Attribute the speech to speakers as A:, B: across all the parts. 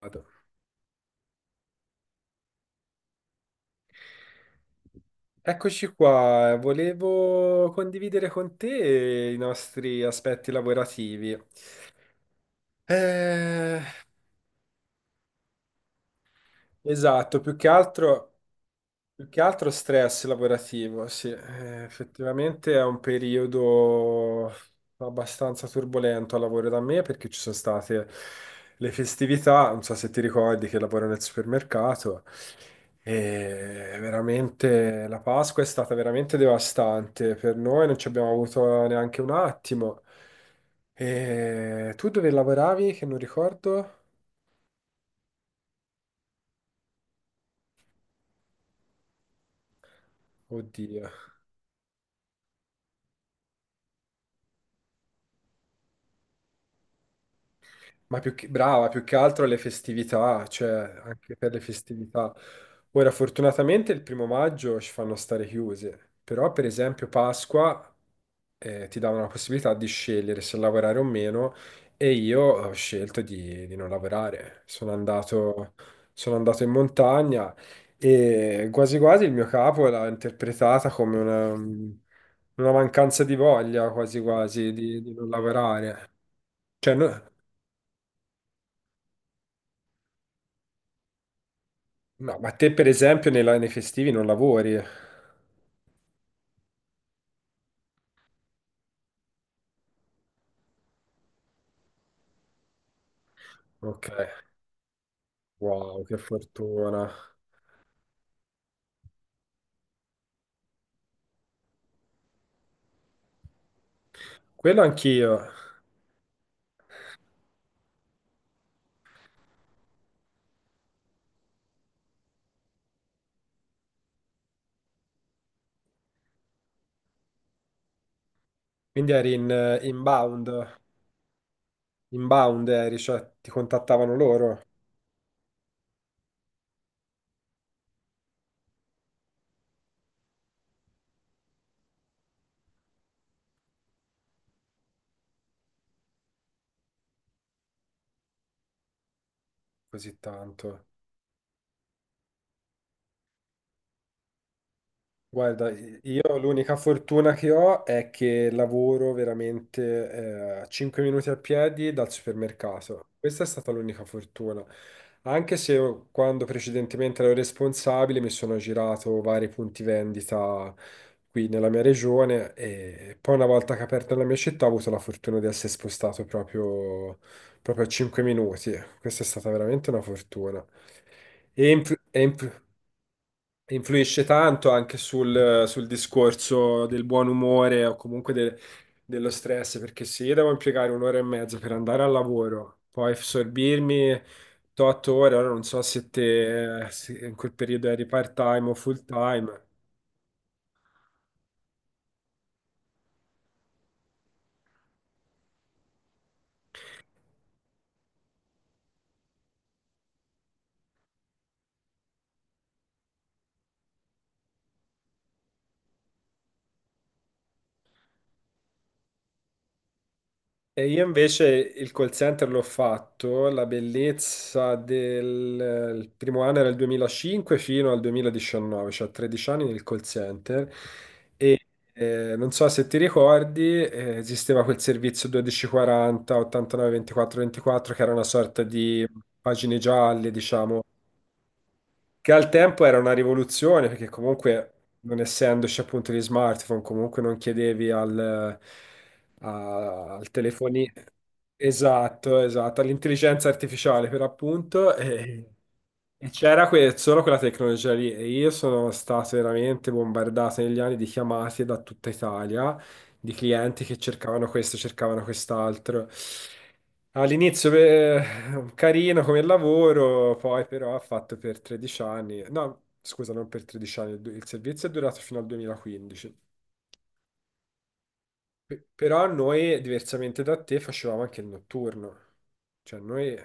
A: Vado. Eccoci qua, volevo condividere con te i nostri aspetti lavorativi. Eh, esatto. Più che altro stress lavorativo, sì, effettivamente è un periodo abbastanza turbolento al lavoro da me perché ci sono state le festività, non so se ti ricordi che lavoro nel supermercato, e veramente la Pasqua è stata veramente devastante per noi, non ci abbiamo avuto neanche un attimo. E tu dove lavoravi che non ricordo? Oddio. Ma brava, più che altro le festività, cioè anche per le festività. Ora, fortunatamente il primo maggio ci fanno stare chiuse, però per esempio Pasqua ti davano la possibilità di scegliere se lavorare o meno e io ho scelto di non lavorare. Sono andato in montagna e quasi quasi il mio capo l'ha interpretata come una mancanza di voglia, quasi quasi, di non lavorare. Cioè, no- No, ma te per esempio nei festivi non lavori? Ok, wow, che fortuna. Quello anch'io. Quindi eri in inbound eri, cioè ti contattavano loro. Così tanto. Guarda, io l'unica fortuna che ho è che lavoro veramente a 5 minuti a piedi dal supermercato. Questa è stata l'unica fortuna. Anche se io, quando precedentemente ero responsabile, mi sono girato vari punti vendita qui nella mia regione e poi una volta che ho aperto la mia città ho avuto la fortuna di essere spostato proprio, proprio a 5 minuti. Questa è stata veramente una fortuna. E in più- e in più- influisce tanto anche sul discorso del buon umore o comunque dello stress, perché se io devo impiegare un'ora e mezza per andare al lavoro, poi sorbirmi 8 ore, ora non so se te se in quel periodo eri part-time o full-time. E io invece il call center l'ho fatto, la bellezza del il primo anno era il 2005 fino al 2019, cioè 13 anni nel call center. E non so se ti ricordi, esisteva quel servizio 1240, 89, 24, 24, che era una sorta di pagine gialle, diciamo, che al tempo era una rivoluzione, perché comunque non essendoci appunto gli smartphone, comunque non chiedevi al telefonino. Esatto, esatto, all'intelligenza artificiale per appunto. E c'era solo quella tecnologia lì. E io sono stato veramente bombardato negli anni di chiamate da tutta Italia, di clienti che cercavano questo, cercavano quest'altro. All'inizio beh, carino come lavoro, poi però ha fatto per 13 anni, no, scusa, non per 13 anni, il servizio è durato fino al 2015. Però noi, diversamente da te, facevamo anche il notturno. Cioè noi,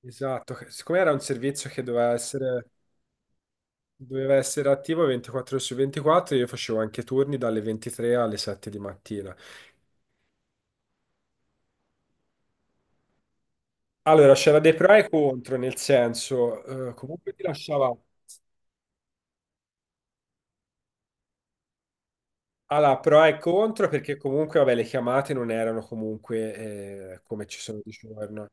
A: esatto, siccome era un servizio che doveva essere attivo 24 ore su 24, io facevo anche turni dalle 23 alle 7 di mattina. Allora, c'era dei pro e contro, nel senso, comunque ti lasciava alla pro e contro, perché comunque, vabbè, le chiamate non erano comunque come ci sono di giorno.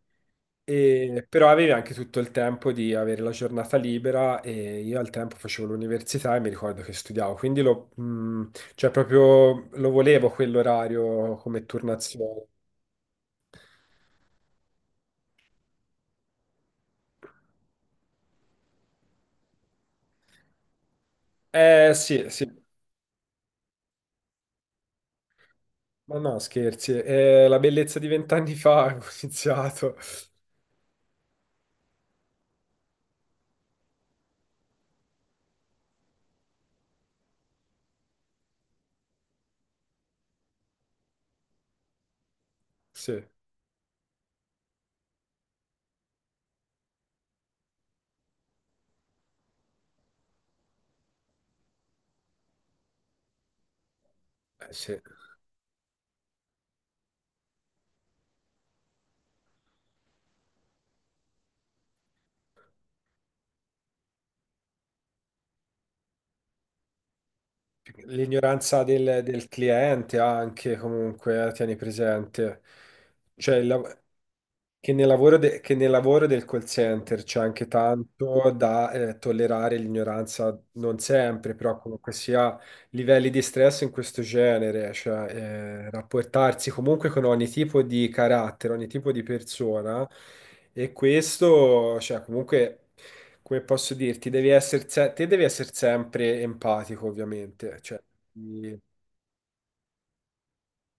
A: Però avevi anche tutto il tempo di avere la giornata libera e io al tempo facevo l'università e mi ricordo che studiavo, quindi cioè proprio lo volevo quell'orario come turnazione. Eh sì, sì, ma no, scherzi, la bellezza di 20 anni fa ho iniziato. Sì, sì. L'ignoranza del cliente anche, comunque, tieni presente. Cioè, che nel lavoro, che nel lavoro del call center c'è anche tanto da tollerare l'ignoranza, non sempre, però comunque sia livelli di stress in questo genere, cioè rapportarsi comunque con ogni tipo di carattere, ogni tipo di persona, e questo, cioè comunque, come posso dirti, devi essere, se- te devi essere sempre empatico, ovviamente, cioè, di-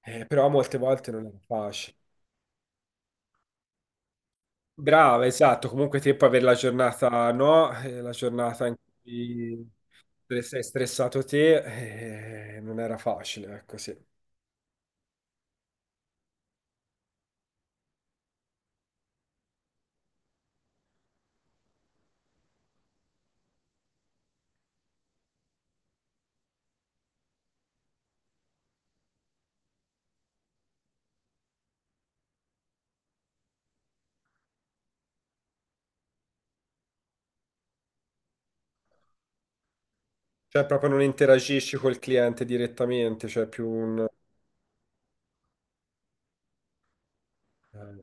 A: però molte volte non è facile. Brava, esatto. Comunque te puoi avere la giornata, no? La giornata in cui sei stressato te, non era facile, ecco sì. Cioè proprio non interagisci col cliente direttamente, eh,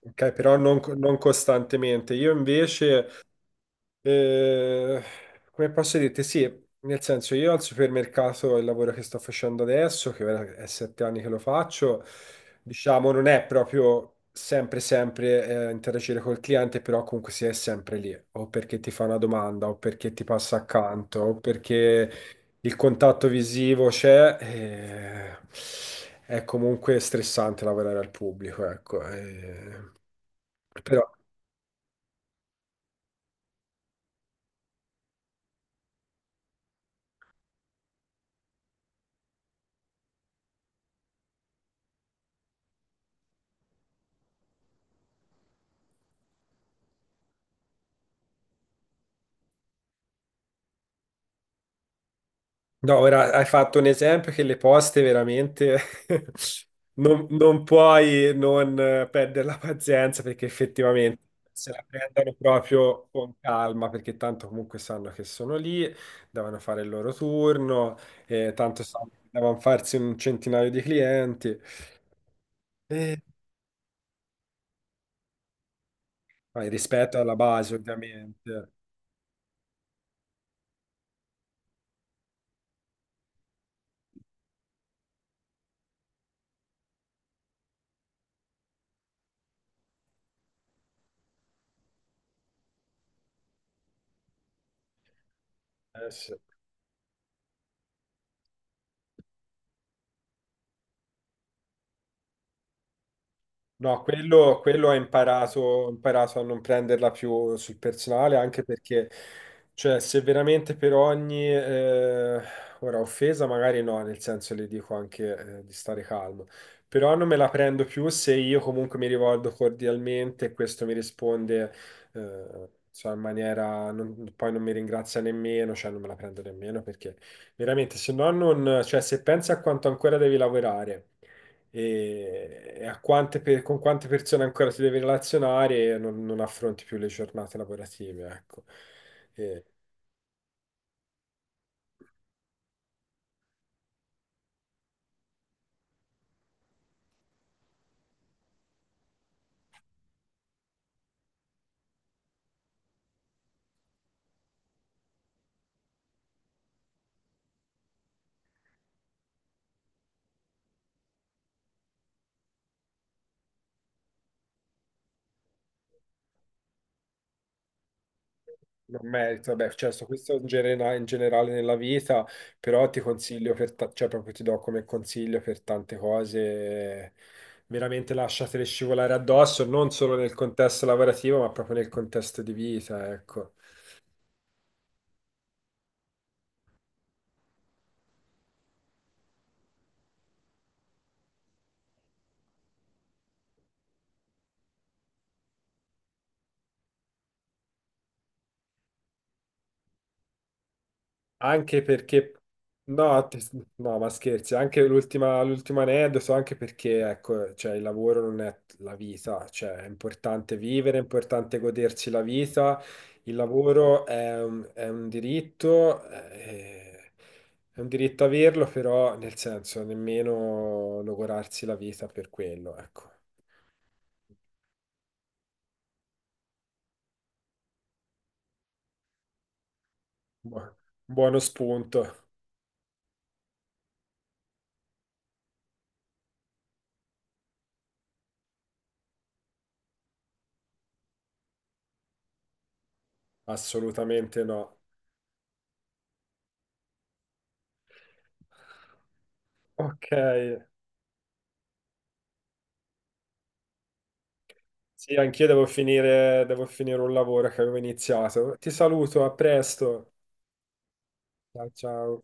A: Ok, però non, non costantemente. Io invece. Eh, Come posso dirti? Sì, nel senso io al supermercato, il lavoro che sto facendo adesso, che ora è 7 anni che lo faccio, diciamo, non è proprio sempre sempre interagire col cliente, però comunque si è sempre lì, o perché ti fa una domanda, o perché ti passa accanto, o perché il contatto visivo c'è. È comunque stressante lavorare al pubblico, ecco. Però No, ora hai fatto un esempio che le poste veramente non puoi non perdere la pazienza, perché effettivamente se la prendono proprio con calma, perché tanto comunque sanno che sono lì, devono fare il loro turno, tanto sanno che devono farsi un centinaio di clienti. E, poi rispetto alla base ovviamente. Sì. No, quello ho imparato a non prenderla più sul personale, anche perché, cioè, se veramente per ogni, ora, offesa magari no, nel senso le dico anche, di stare calmo, però non me la prendo più se io comunque mi rivolgo cordialmente e questo mi risponde, insomma, in maniera, poi non mi ringrazia nemmeno, cioè non me la prendo nemmeno, perché veramente, se no non, cioè, se pensi a quanto ancora devi lavorare e con quante persone ancora ti devi relazionare, e non affronti più le giornate lavorative, ecco. E non merito, beh, cioè, so questo in generale nella vita, però ti consiglio, cioè proprio ti do come consiglio per tante cose, veramente lasciatele scivolare addosso, non solo nel contesto lavorativo, ma proprio nel contesto di vita, ecco. Anche perché, no, no, ma scherzi, anche l'ultima, l'ultimo aneddoto, so anche perché, ecco, cioè, il lavoro non è la vita, cioè, è importante vivere, è importante godersi la vita, il lavoro è un diritto averlo, però, nel senso, nemmeno logorarsi la vita per quello, ecco. Bu- Buono spunto, assolutamente no. Ok. Sì, anch'io devo finire un lavoro che avevo iniziato. Ti saluto, a presto. Ciao, ciao.